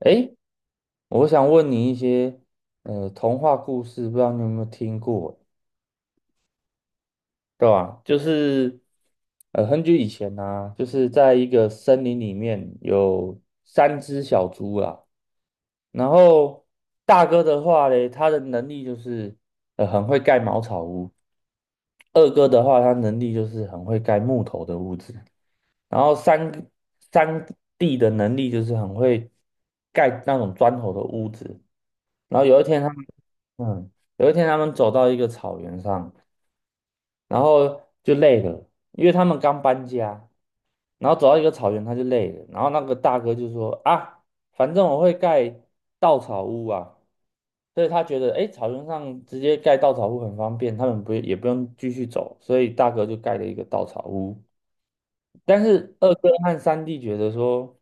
诶，我想问你一些童话故事，不知道你有没有听过，对吧？就是很久以前啊，就是在一个森林里面有三只小猪啦。然后大哥的话嘞，他的能力就是很会盖茅草屋，二哥的话他能力就是很会盖木头的屋子，然后三弟的能力就是很会盖那种砖头的屋子。然后有一天他们，嗯，有一天他们走到一个草原上，然后就累了，因为他们刚搬家，然后走到一个草原他就累了，然后那个大哥就说啊，反正我会盖稻草屋啊，所以他觉得哎，诶草原上直接盖稻草屋很方便，他们不也不用继续走，所以大哥就盖了一个稻草屋。但是二哥和三弟觉得说，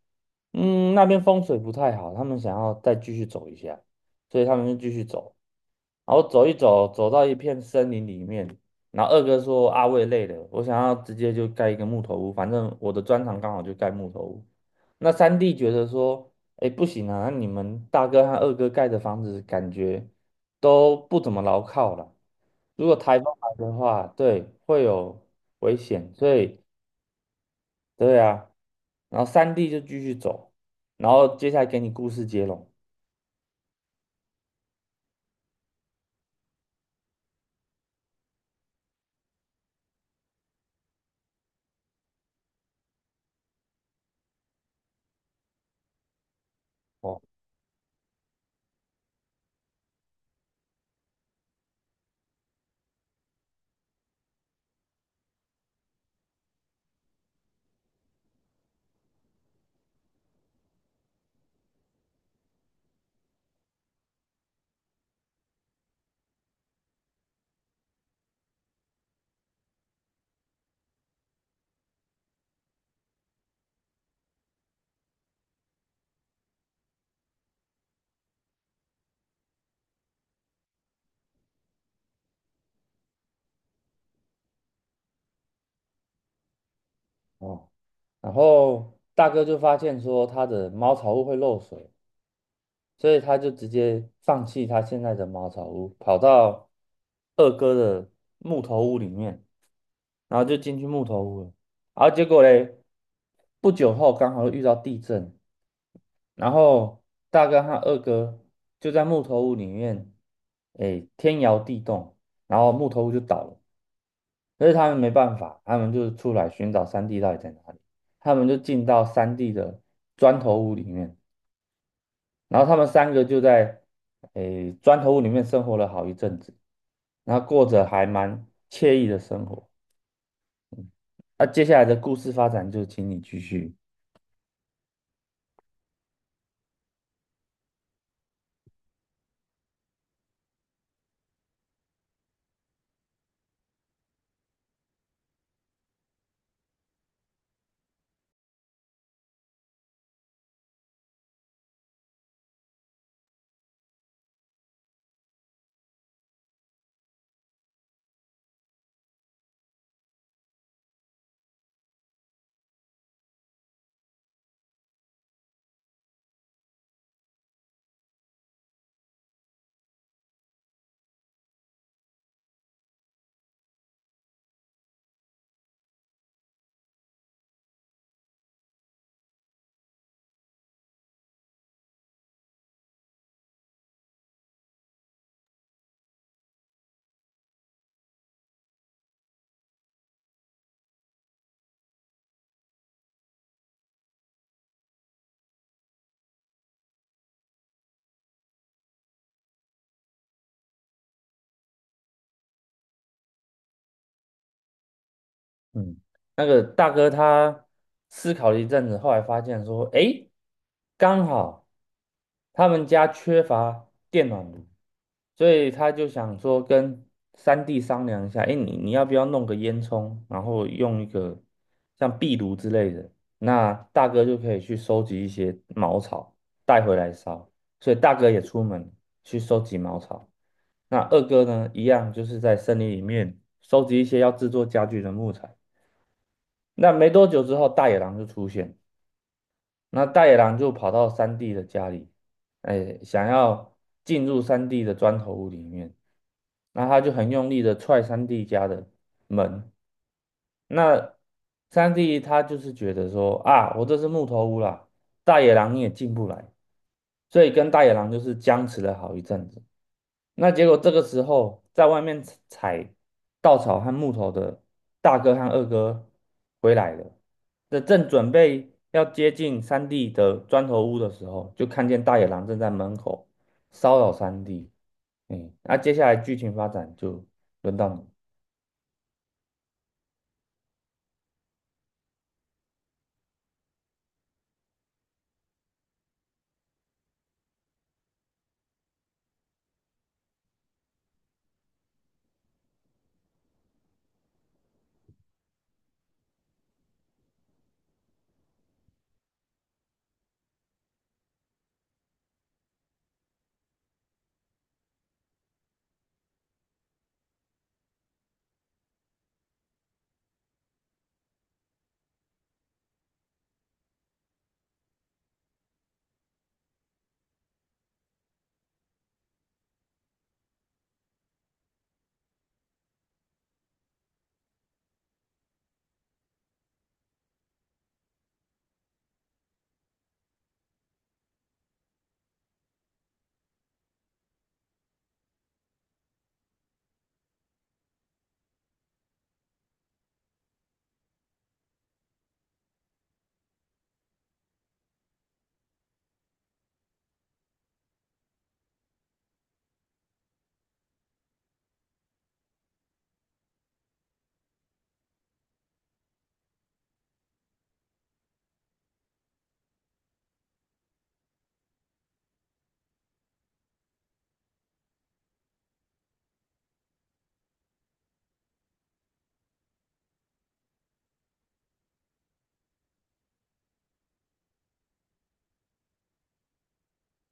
嗯，那边风水不太好，他们想要再继续走一下，所以他们就继续走。然后走一走，走到一片森林里面，然后二哥说：“阿我也累了，我想要直接就盖一个木头屋，反正我的专长刚好就盖木头屋。”那三弟觉得说：“哎，不行啊，你们大哥和二哥盖的房子感觉都不怎么牢靠了，如果台风来的话，对，会有危险，所以。”对啊，然后三弟就继续走，然后接下来给你故事接龙。哦哦，然后大哥就发现说他的茅草屋会漏水，所以他就直接放弃他现在的茅草屋，跑到二哥的木头屋里面，然后就进去木头屋了。然后结果嘞，不久后刚好遇到地震，然后大哥和二哥就在木头屋里面，哎，天摇地动，然后木头屋就倒了。可是他们没办法，他们就出来寻找三弟到底在哪里。他们就进到三弟的砖头屋里面，然后他们三个就在诶砖头屋里面生活了好一阵子，然后过着还蛮惬意的生活。那、啊接下来的故事发展就请你继续。嗯，那个大哥他思考了一阵子，后来发现说，诶，刚好他们家缺乏电暖炉，所以他就想说跟三弟商量一下，诶，你要不要弄个烟囱，然后用一个像壁炉之类的，那大哥就可以去收集一些茅草带回来烧，所以大哥也出门去收集茅草。那二哥呢，一样就是在森林里面收集一些要制作家具的木材。那没多久之后，大野狼就出现，那大野狼就跑到三弟的家里，哎，想要进入三弟的砖头屋里面，那他就很用力的踹三弟家的门，那三弟他就是觉得说啊，我这是木头屋啦，大野狼你也进不来，所以跟大野狼就是僵持了好一阵子。那结果这个时候，在外面采稻草和木头的大哥和二哥回来了，这正准备要接近三弟的砖头屋的时候，就看见大野狼正在门口骚扰三弟。嗯，那、接下来剧情发展就轮到你。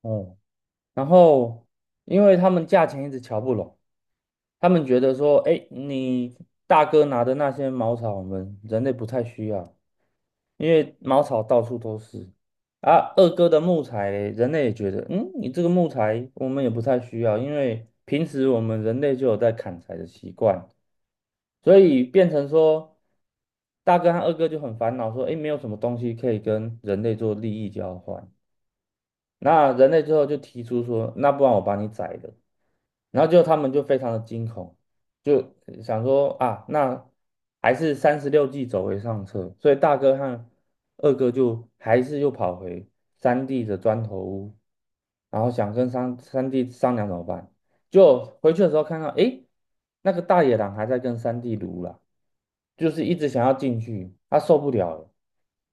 哦，然后因为他们价钱一直瞧不拢。他们觉得说，哎，你大哥拿的那些茅草，我们人类不太需要，因为茅草到处都是。啊，二哥的木材嘞人类也觉得，嗯，你这个木材我们也不太需要，因为平时我们人类就有在砍柴的习惯，所以变成说，大哥和二哥就很烦恼，说，哎，没有什么东西可以跟人类做利益交换。那人类最后就提出说，那不然我把你宰了。然后就他们就非常的惊恐，就想说啊，那还是三十六计走为上策。所以大哥和二哥就还是又跑回三弟的砖头屋，然后想跟三弟商量怎么办。就回去的时候看到，诶，那个大野狼还在跟三弟撸啦。就是一直想要进去，他受不了了。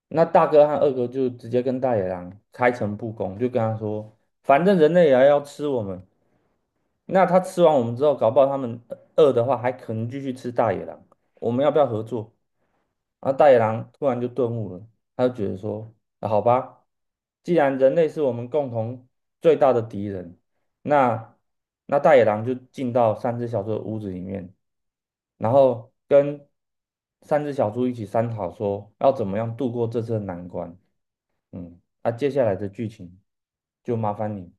那大哥和二哥就直接跟大野狼开诚布公，就跟他说，反正人类也要吃我们，那他吃完我们之后，搞不好他们饿的话，还可能继续吃大野狼。我们要不要合作？然后大野狼突然就顿悟了，他就觉得说：啊，好吧，既然人类是我们共同最大的敌人，那大野狼就进到三只小猪的屋子里面，然后跟三只小猪一起商讨说要怎么样度过这次的难关。嗯，那、接下来的剧情就麻烦你，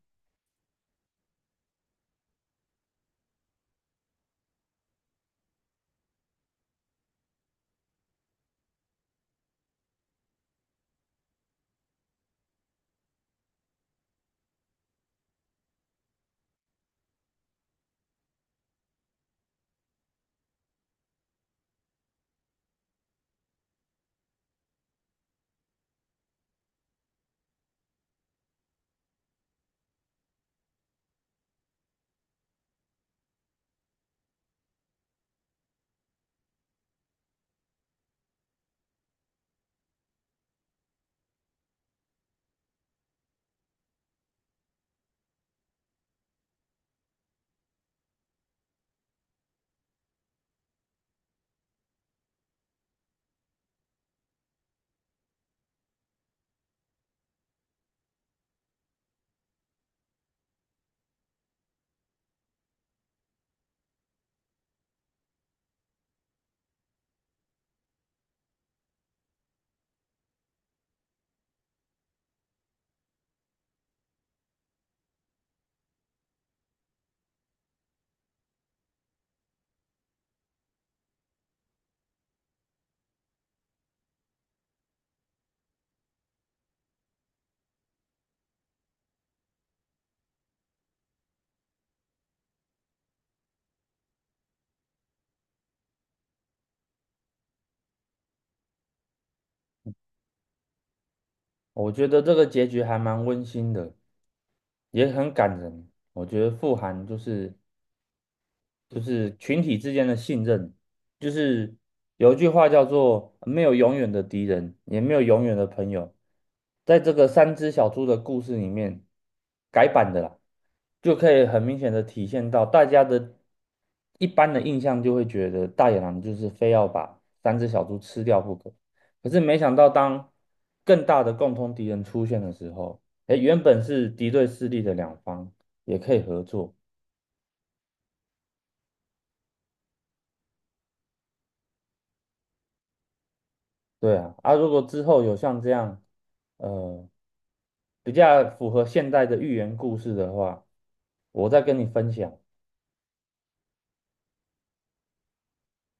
我觉得这个结局还蛮温馨的。也很感人。我觉得富含就是，就是群体之间的信任，就是有一句话叫做“没有永远的敌人，也没有永远的朋友”。在这个三只小猪的故事里面，改版的啦，就可以很明显的体现到大家的一般的印象，就会觉得大野狼就是非要把三只小猪吃掉不可。可是没想到，当更大的共同敌人出现的时候，哎，原本是敌对势力的两方也可以合作。对啊，啊，如果之后有像这样，呃，比较符合现代的寓言故事的话，我再跟你分享。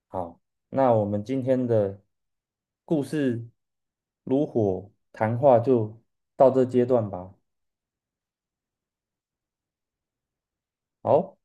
好，那我们今天的故事炉火谈话就到这阶段吧。好。